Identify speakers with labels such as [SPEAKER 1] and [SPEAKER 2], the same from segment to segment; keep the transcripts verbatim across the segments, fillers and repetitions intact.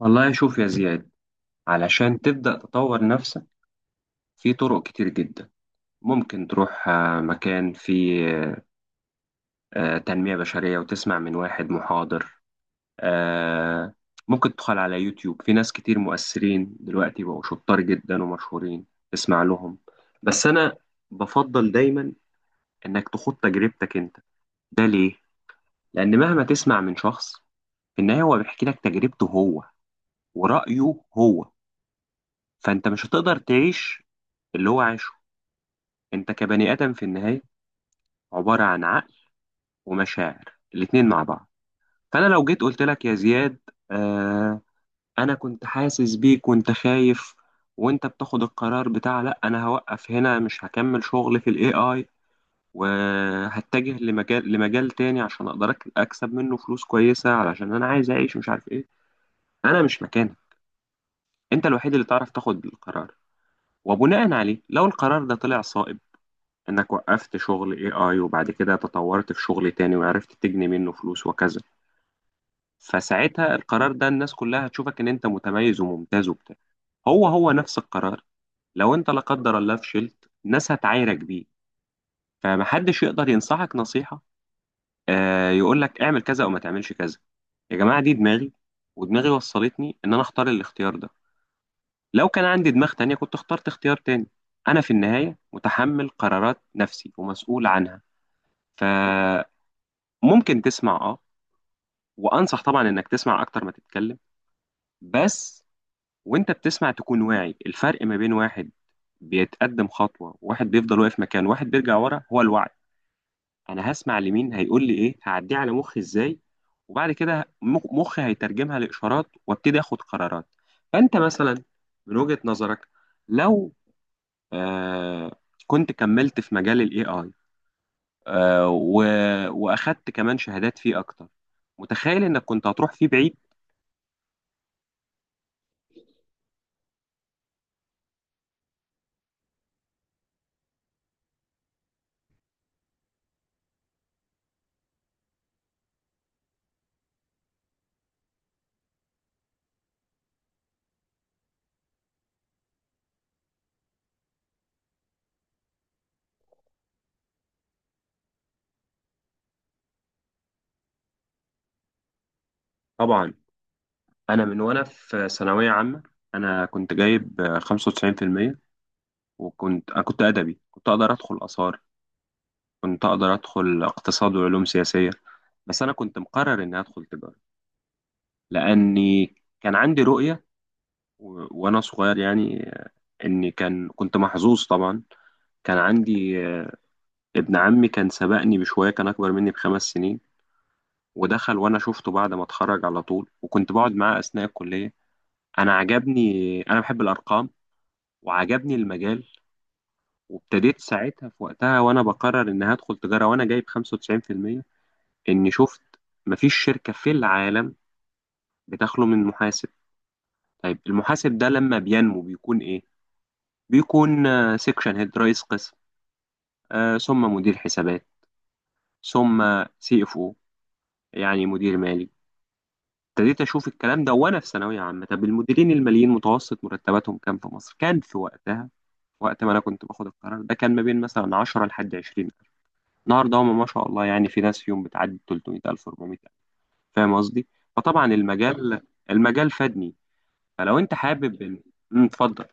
[SPEAKER 1] والله، شوف يا زياد. علشان تبدأ تطور نفسك في طرق كتير جدا، ممكن تروح آه، مكان فيه آه، آه، تنمية بشرية وتسمع من واحد محاضر آه، ممكن تدخل على يوتيوب، في ناس كتير مؤثرين دلوقتي بقوا شطار جدا ومشهورين، تسمع لهم. بس أنا بفضل دايما إنك تخوض تجربتك أنت. ده ليه؟ لأن مهما تسمع من شخص، في النهاية هو بيحكي لك تجربته هو ورأيه هو، فأنت مش هتقدر تعيش اللي هو عايشه. انت كبني ادم في النهايه عباره عن عقل ومشاعر، الاتنين مع بعض. فانا لو جيت قلت لك يا زياد، آه انا كنت حاسس بيك وانت خايف وانت بتاخد القرار بتاع لا انا هوقف هنا مش هكمل شغل في الاي اي، وهتجه لمجال لمجال تاني عشان اقدر أك- اكسب منه فلوس كويسه علشان انا عايز اعيش مش عارف ايه، انا مش مكانك. انت الوحيد اللي تعرف تاخد القرار. وبناء عليه، لو القرار ده طلع صائب، انك وقفت شغل اي اي وبعد كده تطورت في شغل تاني وعرفت تجني منه فلوس وكذا، فساعتها القرار ده الناس كلها هتشوفك ان انت متميز وممتاز وبتاع. هو هو نفس القرار، لو انت لا قدر الله فشلت الناس هتعايرك بيه. فمحدش يقدر ينصحك نصيحة، آه يقول لك اعمل كذا او ما تعملش كذا. يا جماعة، دي دماغي، ودماغي وصلتني ان انا اختار الاختيار ده. لو كان عندي دماغ تانية كنت اخترت اختيار تاني. انا في النهاية متحمل قرارات نفسي ومسؤول عنها. ف ممكن تسمع، اه وانصح طبعا انك تسمع اكتر ما تتكلم. بس وانت بتسمع تكون واعي الفرق ما بين واحد بيتقدم خطوة، واحد بيفضل واقف مكان، واحد بيرجع ورا. هو الوعي. انا هسمع لمين، هيقول لي ايه، هعديه على مخي ازاي، وبعد كده مخ- مخي هيترجمها لاشارات وابتدي اخد قرارات. فانت مثلا، من وجهة نظرك، لو آه كنت كملت في مجال الاي اي، آه و- واخدت كمان شهادات فيه اكتر، متخيل انك كنت هتروح فيه بعيد؟ طبعا. انا من وانا في ثانويه عامه، انا كنت جايب آه، خمسة وتسعين بالمية. وكنت انا كنت ادبي، كنت اقدر ادخل اثار، كنت اقدر ادخل اقتصاد وعلوم سياسيه. بس انا كنت مقرر اني ادخل تجاره، لاني كان عندي رؤيه، و... وانا صغير، يعني آه، اني كان كنت محظوظ طبعا. كان عندي آه، ابن عمي كان سبقني بشوية، كان أكبر مني بخمس سنين ودخل. وأنا شفته بعد ما اتخرج على طول، وكنت بقعد معاه أثناء الكلية. أنا عجبني، أنا بحب الأرقام، وعجبني المجال. وابتديت ساعتها، في وقتها وانا بقرر ان هدخل تجارة وانا جايب خمسة وتسعين بالمية، اني شفت مفيش شركة في العالم بتخلو من محاسب. طيب المحاسب ده لما بينمو بيكون ايه؟ بيكون سيكشن هيد، رئيس قسم، آه ثم مدير حسابات، ثم سي اف او، يعني مدير مالي. ابتديت اشوف الكلام ده وانا في ثانوية عامة. طب المديرين الماليين متوسط مرتباتهم كام في مصر؟ كان في وقتها، وقت ما انا كنت باخد القرار ده، كان ما بين مثلا عشرة لحد عشرين. النهارده هم ما شاء الله، يعني في ناس فيهم بتعدي ثلاثمية ألف أربعمية ألف. فاهم قصدي؟ فطبعا المجال المجال فادني. فلو انت حابب إن- أمم، اتفضل.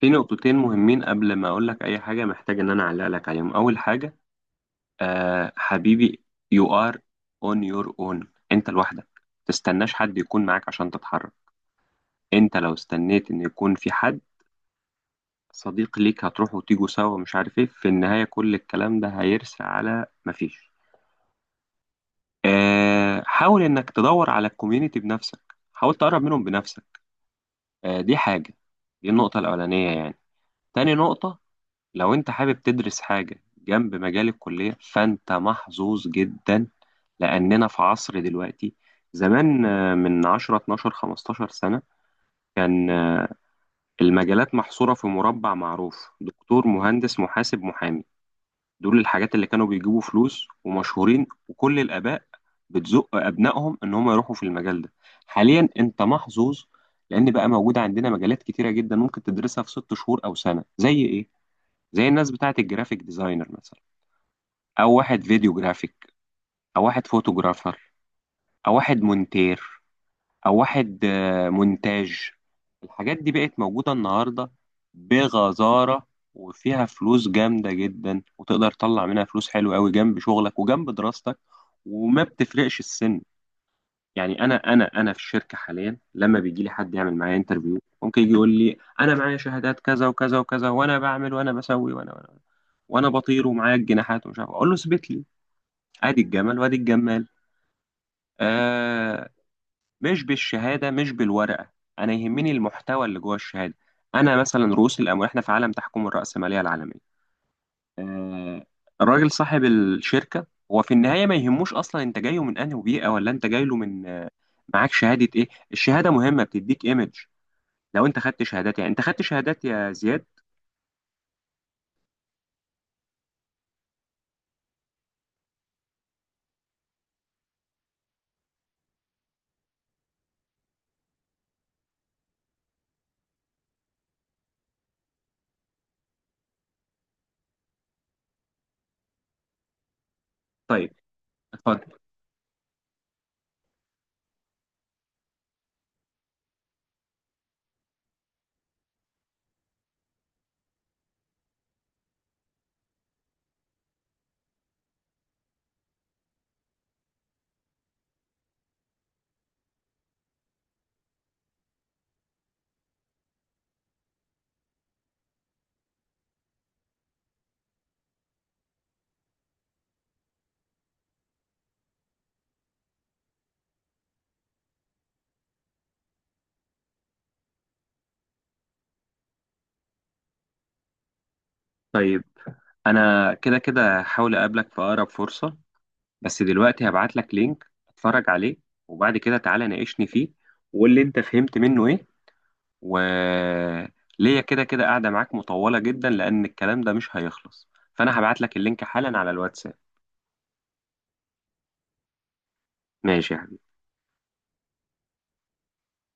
[SPEAKER 1] في نقطتين مهمين قبل ما اقول لك اي حاجه، محتاج ان انا اعلق لك عليهم. اول حاجه، آه حبيبي، you are on your own. انت لوحدك، تستناش حد يكون معاك عشان تتحرك. انت لو استنيت ان يكون في حد صديق ليك هتروحوا وتيجوا سوا مش عارف ايه، في النهايه كل الكلام ده هيرسى على مفيش. آه، حاول انك تدور على الكوميونتي بنفسك، حاول تقرب منهم بنفسك. آه، دي حاجة، دي النقطة الأولانية يعني. تاني نقطة، لو انت حابب تدرس حاجة جنب مجال الكلية فانت محظوظ جدا، لأننا في عصر دلوقتي. زمان، آه، من عشر اتناشر 15 سنة، كان آه، المجالات محصورة في مربع معروف، دكتور مهندس محاسب محامي. دول الحاجات اللي كانوا بيجيبوا فلوس ومشهورين، وكل الآباء بتزق أبنائهم إن هم يروحوا في المجال ده. حاليا أنت محظوظ، لأن بقى موجودة عندنا مجالات كتيرة جدا ممكن تدرسها في ست شهور أو سنة، زي إيه؟ زي الناس بتاعة الجرافيك ديزاينر مثلا، أو واحد فيديو جرافيك، أو واحد فوتوجرافر، أو واحد مونتير، او واحد آه، مونتاج. الحاجات دي بقت موجودة النهاردة بغزارة، وفيها فلوس جامدة جدا، وتقدر تطلع منها فلوس حلوة قوي جنب شغلك وجنب دراستك. وما بتفرقش السن. يعني انا انا انا في الشركة حاليا، لما بيجي لي حد يعمل معايا انترفيو، ممكن يجي يقول لي انا معايا شهادات كذا وكذا وكذا، وانا بعمل وانا بسوي وانا وانا وانا بطير ومعايا الجناحات ومش عارف إيه. اقول له اثبت لي، ادي الجمل وادي الجمال. آه، مش بالشهاده، مش بالورقه. انا يهمني المحتوى اللي جوه الشهاده. انا مثلا رؤوس الاموال، احنا في عالم تحكم الرأسماليه العالميه. آه الراجل صاحب الشركه هو في النهايه ما يهموش اصلا انت جايه من انهي بيئه، ولا انت جاي له من آه، معاك شهاده ايه. الشهاده مهمه، بتديك ايمج. لو انت خدت شهادات، يعني انت خدت شهادات يا زياد؟ طيب، اتفضل. طيب انا كده كده هحاول اقابلك في اقرب فرصه. بس دلوقتي هبعت لك لينك اتفرج عليه وبعد كده تعالى ناقشني فيه واللي انت فهمت منه ايه. وليا كده كده قاعدة معاك مطولة جدا، لأن الكلام ده مش هيخلص. فأنا هبعت لك اللينك حالا على الواتساب. ماشي يا